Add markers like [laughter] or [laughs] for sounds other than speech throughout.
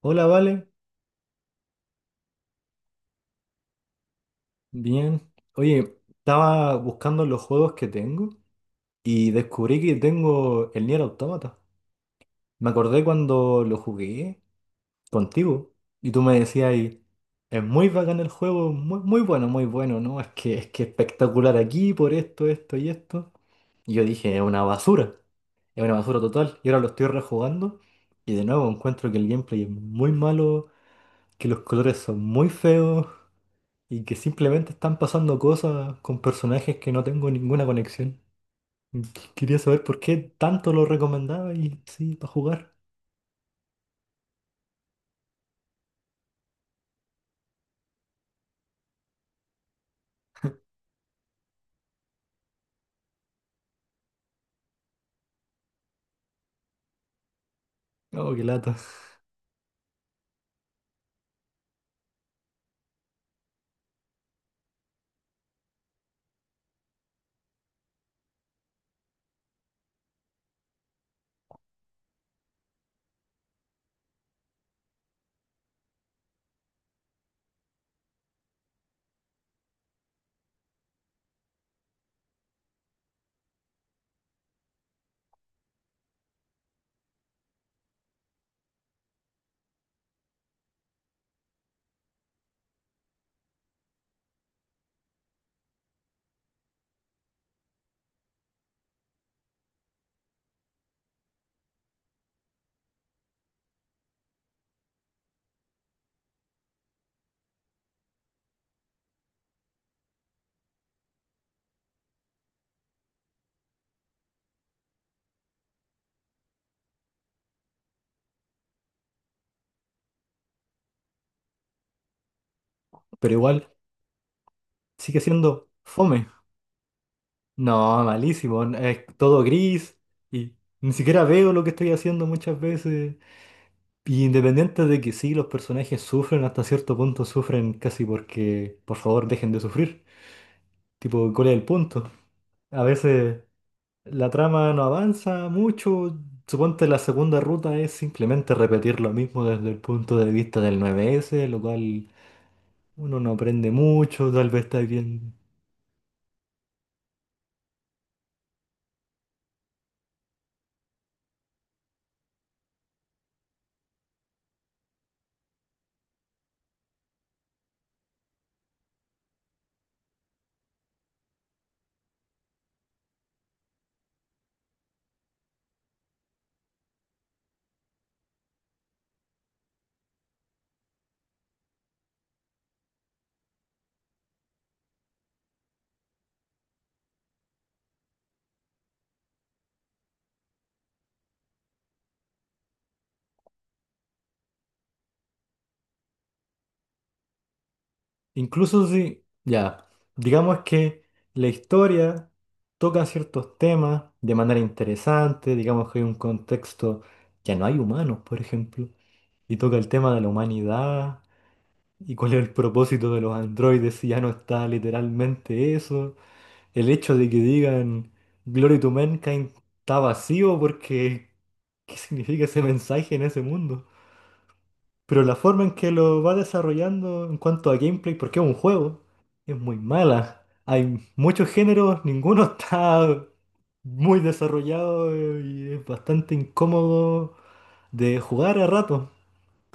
Hola, Vale. Bien. Oye, estaba buscando los juegos que tengo y descubrí que tengo el Nier Automata. Me acordé cuando lo jugué contigo y tú me decías, ahí, es muy bacán el juego, muy, muy bueno, muy bueno, ¿no? Es que espectacular aquí por esto, esto y esto. Y yo dije, es una basura total. Y ahora lo estoy rejugando y de nuevo encuentro que el gameplay es muy malo, que los colores son muy feos, y que simplemente están pasando cosas con personajes que no tengo ninguna conexión. Quería saber por qué tanto lo recomendaba y sí, para jugar. Oh, qué lata. Pero igual sigue siendo fome. No, malísimo. Es todo gris y ni siquiera veo lo que estoy haciendo muchas veces. Y independiente de que sí, los personajes sufren, hasta cierto punto sufren casi porque, por favor, dejen de sufrir. Tipo, ¿cuál es el punto? A veces la trama no avanza mucho. Suponte la segunda ruta es simplemente repetir lo mismo desde el punto de vista del 9S, lo cual uno no aprende mucho, tal vez está bien. Incluso si, ya, digamos que la historia toca ciertos temas de manera interesante, digamos que hay un contexto, ya no hay humanos, por ejemplo, y toca el tema de la humanidad y cuál es el propósito de los androides si ya no está literalmente eso. El hecho de que digan Glory to Mankind está vacío porque, ¿qué significa ese mensaje en ese mundo? Pero la forma en que lo va desarrollando en cuanto a gameplay, porque es un juego, es muy mala. Hay muchos géneros, ninguno [laughs] está muy desarrollado, y es bastante incómodo de jugar a rato.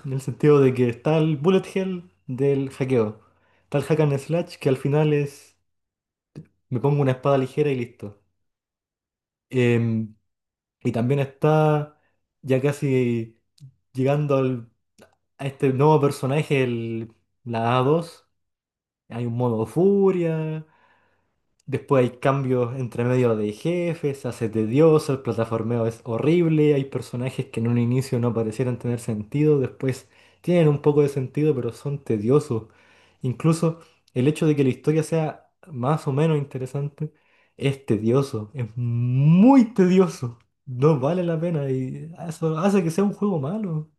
En el sentido de que está el bullet hell del hackeo. Está el hack and slash que al final es me pongo una espada ligera y listo. Em, Y también está ya casi llegando al- a este nuevo personaje, la A2. Hay un modo furia. Después hay cambios entre medio de jefes, se hace tedioso, el plataformeo es horrible, hay personajes que en un inicio no parecieran tener sentido, después tienen un poco de sentido, pero son tediosos. Incluso el hecho de que la historia sea más o menos interesante es tedioso, es muy tedioso, no vale la pena y eso hace que sea un juego malo.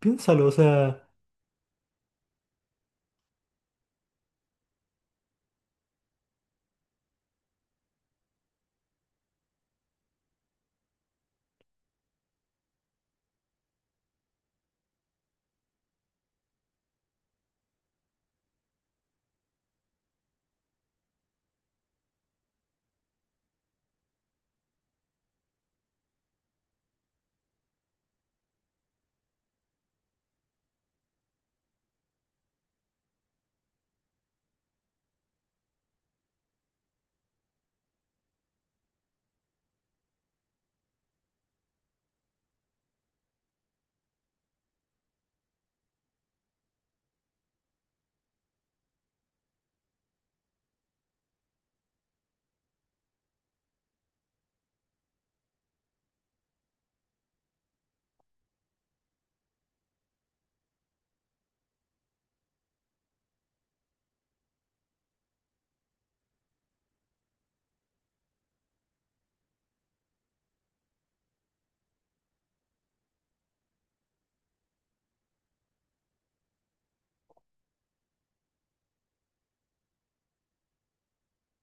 Piénsalo, o sea,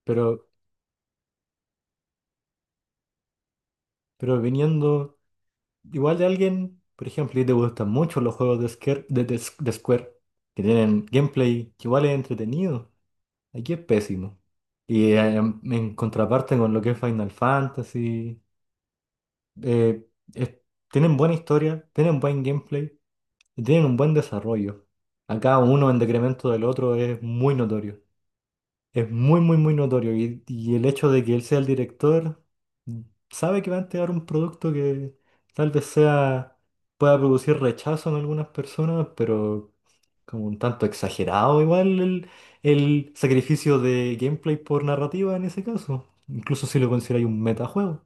pero, pero viniendo... Igual de alguien, por ejemplo, y te gustan mucho los juegos de Square, de Square, que tienen gameplay que igual es entretenido. Aquí es pésimo. Y en contraparte con lo que es Final Fantasy, eh, es- tienen buena historia, tienen buen gameplay y tienen un buen desarrollo. Acá uno en decremento del otro es muy notorio. Es muy, muy, muy notorio. Y el hecho de que él sea el director, mm, sabe que va a entregar un producto que tal vez sea, pueda producir rechazo en algunas personas, pero como un tanto exagerado igual el sacrificio de gameplay por narrativa en ese caso. Incluso si lo consideráis un metajuego.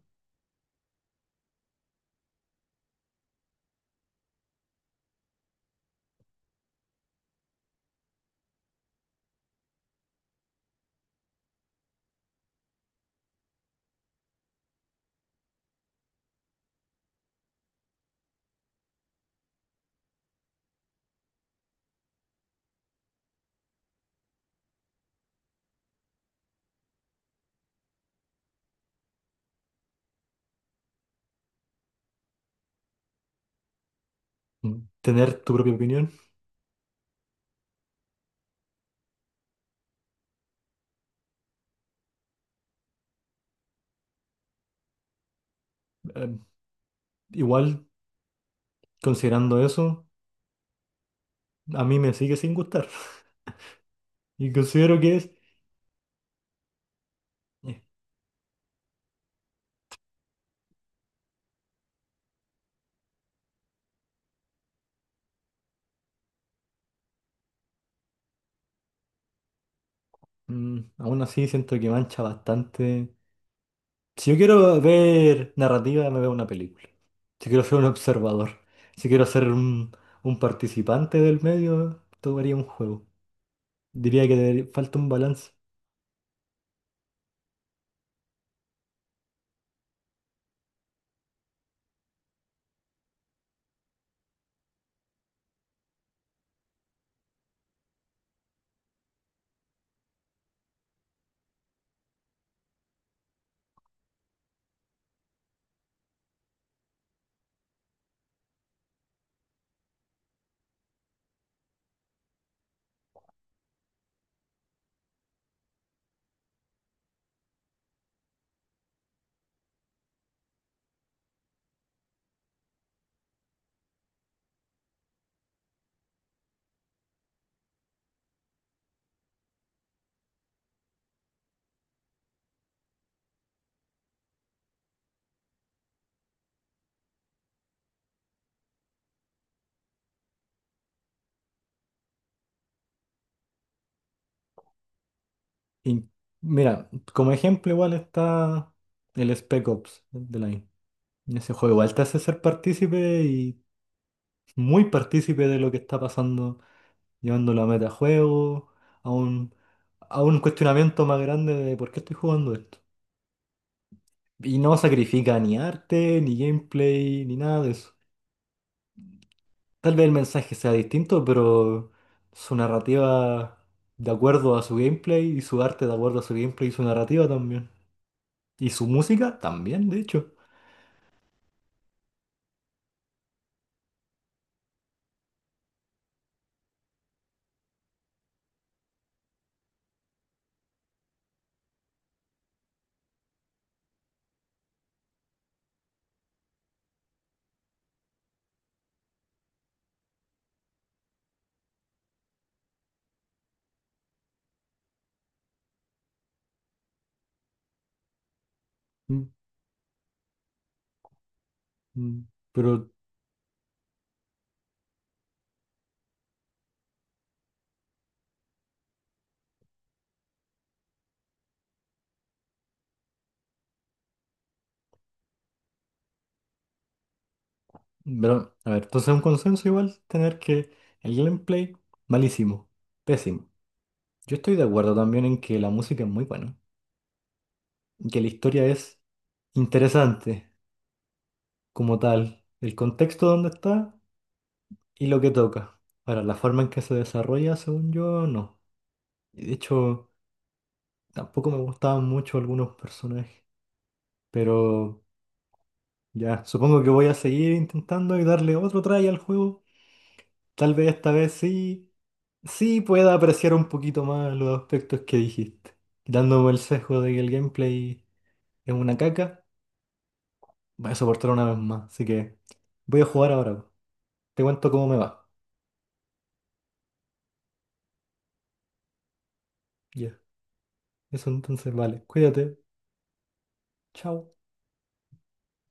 Mm, tener tu propia opinión. eh, Igual, considerando eso, a mí me sigue sin gustar. [laughs] Y considero que es... eh, aún así siento que mancha bastante. Si yo quiero ver narrativa, me veo una película. Si quiero ser un observador. Si quiero ser un participante del medio, tomaría un juego. Diría que falta un balance. Y mira, como ejemplo igual está el Spec Ops de Line. Ese juego igual te hace ser partícipe y muy partícipe de lo que está pasando, llevándolo a metajuego, a un, a un cuestionamiento más grande de por qué estoy jugando esto. Y no sacrifica ni arte, ni gameplay, ni nada de eso. Tal vez el mensaje sea distinto, pero su narrativa de acuerdo a su gameplay y su arte de acuerdo a su gameplay y su narrativa también. Y su música también, de hecho. Mm, mm. Pero, pero a ver, entonces es un consenso igual tener que el gameplay, malísimo, pésimo. Yo estoy de acuerdo también en que la música es muy buena, y que la historia es interesante como tal. El contexto donde está y lo que toca. Ahora, la forma en que se desarrolla, según yo, no. Y de hecho, tampoco me gustaban mucho algunos personajes. Pero ya, supongo que voy a seguir intentando y darle otro try al juego. Tal vez esta vez sí, sí pueda apreciar un poquito más los aspectos que dijiste. Dándome el sesgo de que el gameplay es una caca, voy a soportar una vez más. Así que voy a jugar ahora. Te cuento cómo me va. Ya, eso entonces vale. Cuídate. Chao.